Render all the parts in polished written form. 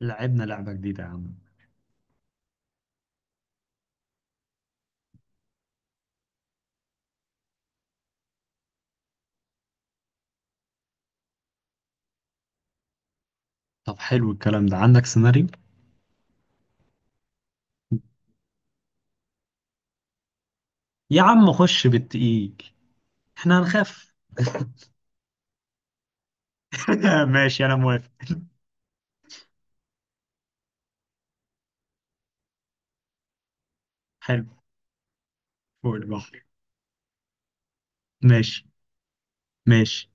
لعبنا لعبة جديدة يا عم. طب حلو الكلام ده، عندك سيناريو؟ يا عم خش بالتقيل. احنا هنخاف. ماشي، انا موافق. حلو، فوق البحر. ماشي. ماشي.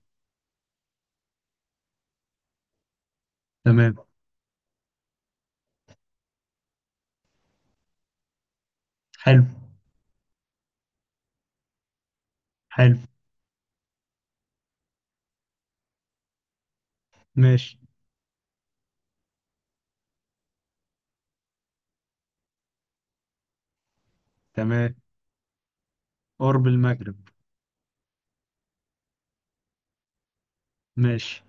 تمام. حلو. حلو. ماشي. تمام. قرب المغرب. ماشي.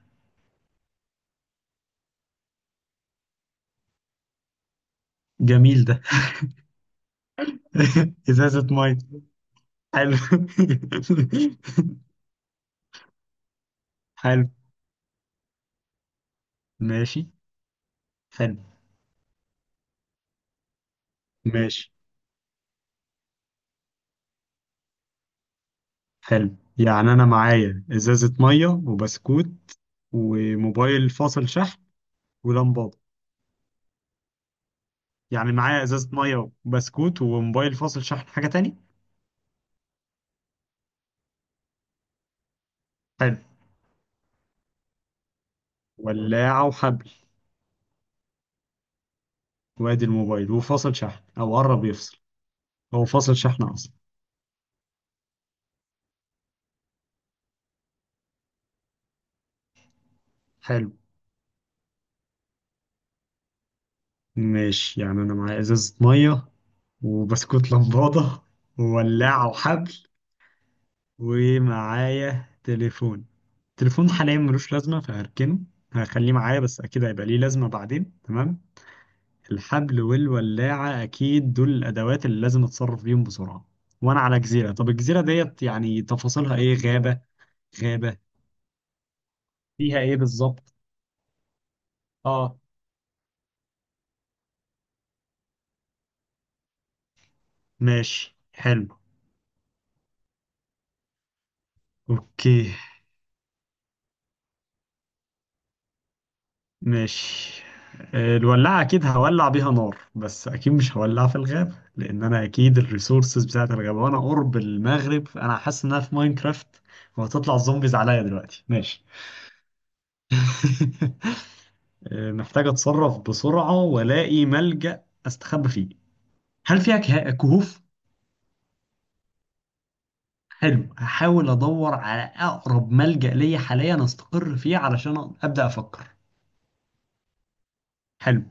جميل ده. ازازة مية. حلو. حلو. ماشي. حلو. ماشي. حلو، يعني انا معايا ازازة مية وبسكوت وموبايل فاصل شحن ولمبة. يعني معايا ازازه ميه وبسكوت وموبايل فاصل شحن، حاجه تاني؟ حلو. ولاعه وحبل. وادي الموبايل وفاصل شحن او قرب يفصل. هو فاصل شحن اصلا. حلو. ماشي، يعني انا معايا ازازه ميه وبسكوت لمبادة وولاعه وحبل ومعايا تليفون. تليفون حاليا ملوش لازمه فهركنه. هخليه معايا، بس اكيد هيبقى ليه لازمه بعدين، تمام. الحبل والولاعة أكيد دول الأدوات اللي لازم أتصرف بيهم بسرعة. وأنا على جزيرة، طب الجزيرة ديت يعني تفاصيلها إيه؟ غابة؟ غابة، فيها إيه بالظبط؟ آه. ماشي، حلو. أوكي. ماشي. الولاعة أكيد هولع بيها نار، بس أكيد مش هولعها في الغابة، لأن أنا أكيد الريسورسز بتاعت الغابة، وأنا قرب المغرب أنا حاسس إنها في ماينكرافت، وهتطلع الزومبيز عليا دلوقتي، ماشي. محتاج اتصرف بسرعة والاقي ملجأ استخبى فيه. هل فيها كهوف؟ حلو، هحاول ادور على اقرب ملجأ ليا حاليا استقر فيه علشان ابدأ افكر. حلو،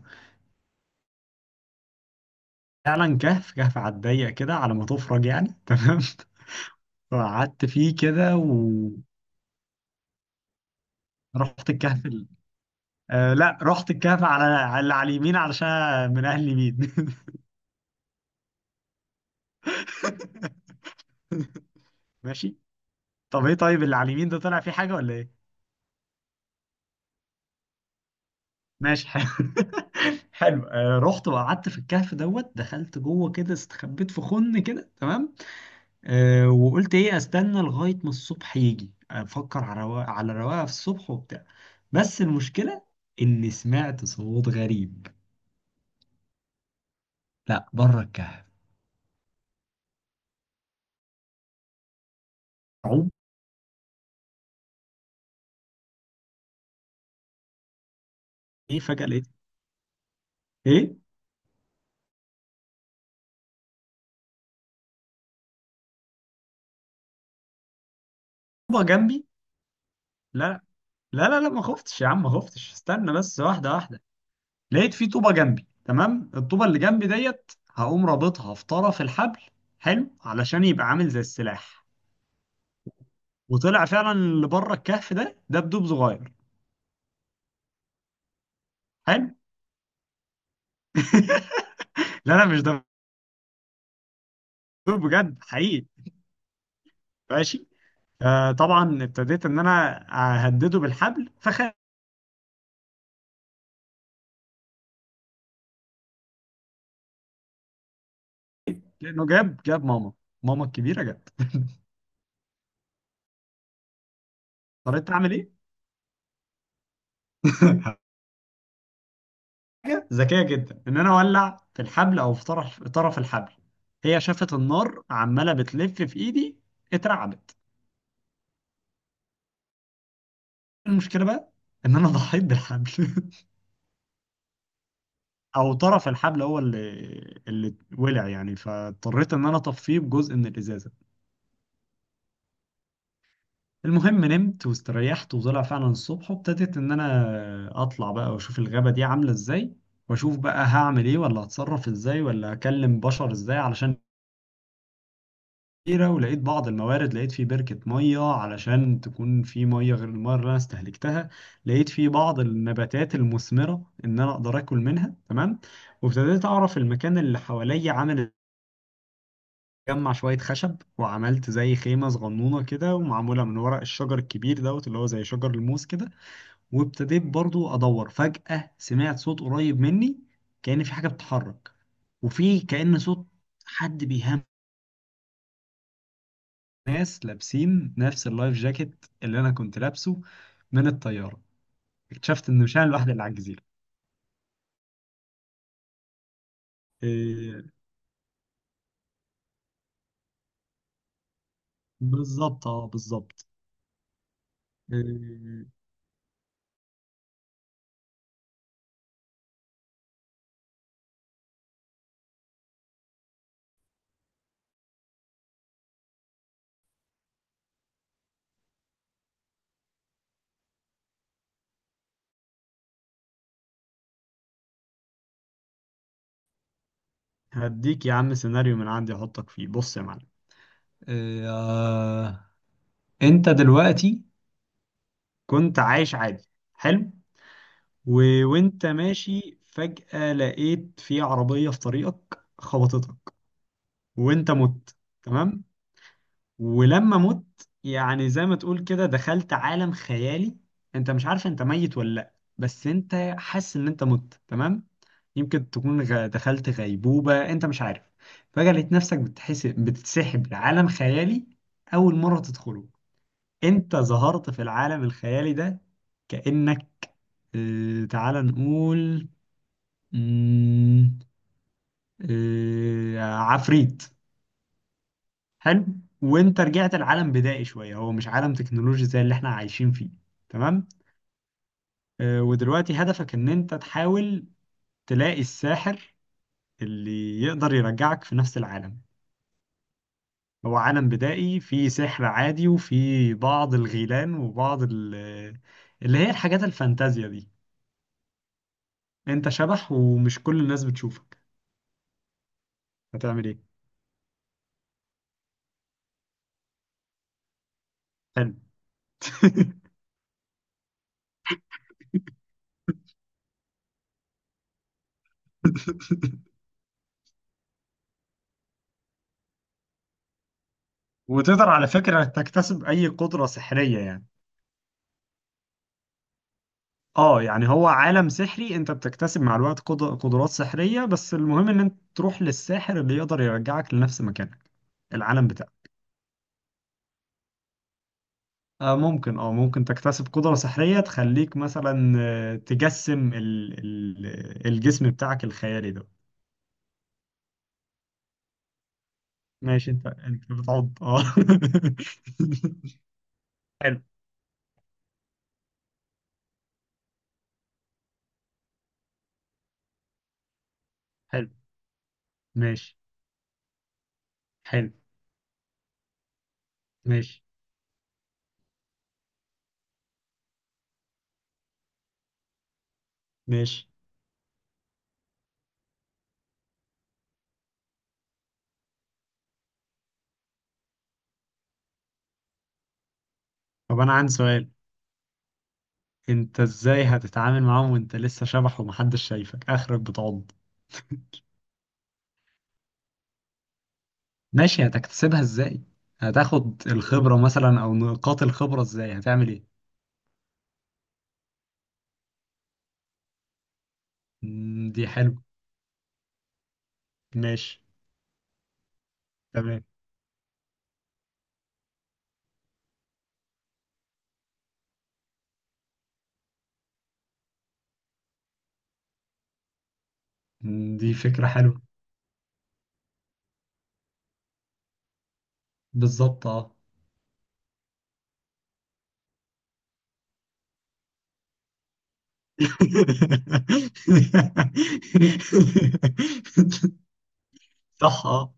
فعلا كهف، كهف على الضيق كده على ما تفرج يعني، تمام. فقعدت فيه كده. ورحت الكهف. آه لا، رحت الكهف على اللي على اليمين علشان من اهل اليمين. ماشي. طب ايه، طيب اللي على اليمين ده طلع فيه حاجة ولا ايه؟ ماشي، حلو. حلو، رحت وقعدت في الكهف دوت، دخلت جوه كده، استخبيت في خن كده، تمام. وقلت ايه، استنى لغايه ما الصبح يجي افكر على رواقه، على رواقه في الصبح وبتاع. بس المشكله اني سمعت صوت غريب. لا، بره الكهف. عوم. ايه فجاه لقيت. ايه بابا جنبي. لا، لا، لا، لا، ما خفتش يا عم، ما خفتش، استنى بس، واحده واحده. لقيت في طوبه جنبي، تمام، الطوبه اللي جنبي ديت هقوم رابطها في طرف الحبل. حلو، علشان يبقى عامل زي السلاح. وطلع فعلا اللي بره الكهف ده دبدوب صغير. حلو. لا، لا، مش دبدوب. بجد حقيقي. ماشي، آه طبعا ابتديت ان انا اهدده بالحبل فخاف. لانه جاب ماما، ماما الكبيره جت. اضطريت اعمل ايه. حاجه ذكيه جدا ان انا اولع في الحبل او في طرف الحبل. هي شافت النار عماله بتلف في ايدي. اترعبت. المشكلة بقى إن أنا ضحيت بالحبل. أو طرف الحبل هو اللي ولع يعني، فاضطريت إن أنا أطفيه بجزء من الإزازة. المهم نمت واستريحت، وطلع فعلا الصبح، وابتديت إن أنا أطلع بقى وأشوف الغابة دي عاملة إزاي. وأشوف بقى هعمل إيه ولا هتصرف إزاي ولا هكلم بشر إزاي، علشان كتيرة. ولقيت بعض الموارد، لقيت في بركة مية علشان تكون في مية غير المية اللي أنا استهلكتها. لقيت في بعض النباتات المثمرة إن أنا أقدر آكل منها، تمام. وابتديت أعرف المكان اللي حواليا عامل. أجمع شوية خشب وعملت زي خيمة صغنونة كده، ومعمولة من ورق الشجر الكبير دوت اللي هو زي شجر الموز كده. وابتديت برضو أدور، فجأة سمعت صوت قريب مني، كأن في حاجة بتتحرك. وفي كأن صوت حد بيهمس. ناس لابسين نفس اللايف جاكيت اللي انا كنت لابسه من الطياره. اكتشفت ان مش انا الوحيد اللي على الجزيره. إيه بالظبط، اه بالظبط. إيه. هديك يا عم سيناريو من عندي احطك فيه، بص يا معلم. إيه آه. انت دلوقتي كنت عايش عادي. حلو. و... وانت ماشي فجأة لقيت في عربية في طريقك خبطتك. وانت مت، تمام. ولما مت يعني زي ما تقول كده دخلت عالم خيالي. انت مش عارف انت ميت ولا لا، بس انت حاسس ان انت مت، تمام. يمكن تكون دخلت غيبوبة، انت مش عارف. فجأة لقيت نفسك بتحس بتتسحب لعالم خيالي، اول مرة تدخله. انت ظهرت في العالم الخيالي ده، كأنك اه تعال نقول مم، اه عفريت. حلو. وانت رجعت لعالم بدائي شويه، هو مش عالم تكنولوجي زي اللي احنا عايشين فيه، تمام. ودلوقتي هدفك ان انت تحاول تلاقي الساحر اللي يقدر يرجعك في نفس العالم. هو عالم بدائي فيه سحر عادي وفيه بعض الغيلان وبعض اللي هي الحاجات الفانتازيا دي. انت شبح ومش كل الناس بتشوفك، هتعمل ايه؟ حلو. وتقدر على فكرة تكتسب أي قدرة سحرية يعني. اه يعني هو عالم سحري، انت بتكتسب مع الوقت قدرات سحرية، بس المهم ان انت تروح للساحر اللي يقدر يرجعك لنفس مكانك، العالم بتاعك. آه ممكن، اه ممكن تكتسب قدرة سحرية تخليك مثلا تجسم ال الجسم بتاعك الخيالي ده. ماشي، انت بتعض اه. حلو. حلو، ماشي. حلو، ماشي. ماشي. طب انا عندي سؤال، انت ازاي هتتعامل معاهم وانت لسه شبح ومحدش شايفك، اخرك بتعض. ماشي، هتكتسبها ازاي، هتاخد الخبرة مثلا او نقاط الخبرة، ازاي هتعمل ايه؟ مم، دي حلوة. ماشي. تمام. مم، دي فكرة حلوة. بالظبط اه. صح اه.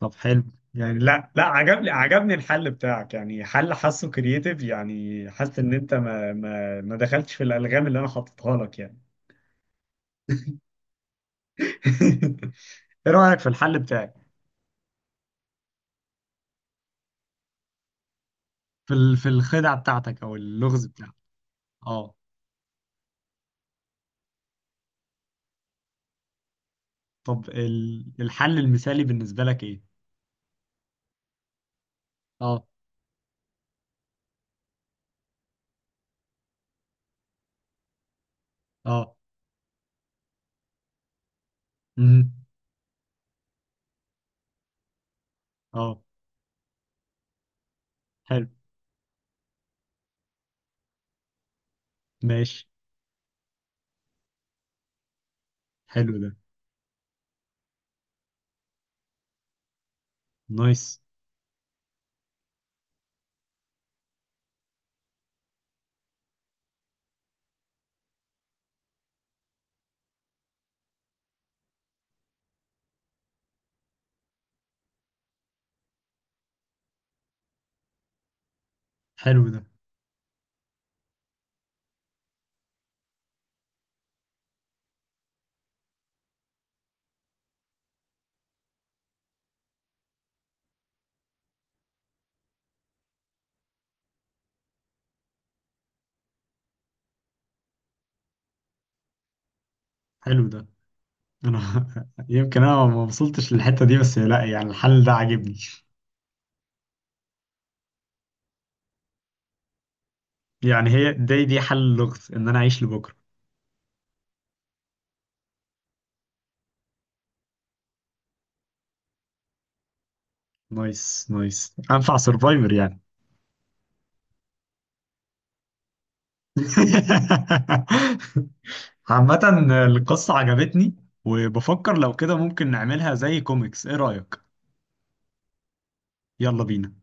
طب حلو، يعني لا لا عجبني الحل بتاعك، يعني حل حاسه كرييتيف، يعني حاسس ان انت ما دخلتش في الالغام اللي انا حاططها لك يعني. ايه رأيك في الحل بتاعي؟ في في الخدعة بتاعتك او اللغز. اه طب الحل المثالي بالنسبة لك ايه؟ اه، اه، امم، اه. حلو، ماشي. حلو ده. نايس. حلو ده. حلو ده. انا يمكن انا ما وصلتش للحتة دي، بس لا يعني الحل ده عاجبني. يعني هي دي حل اللغز ان انا اعيش لبكرة. نايس، نايس، انفع سرفايفر يعني. عامة القصة عجبتني، وبفكر لو كده ممكن نعملها زي كوميكس، ايه رأيك؟ يلا بينا.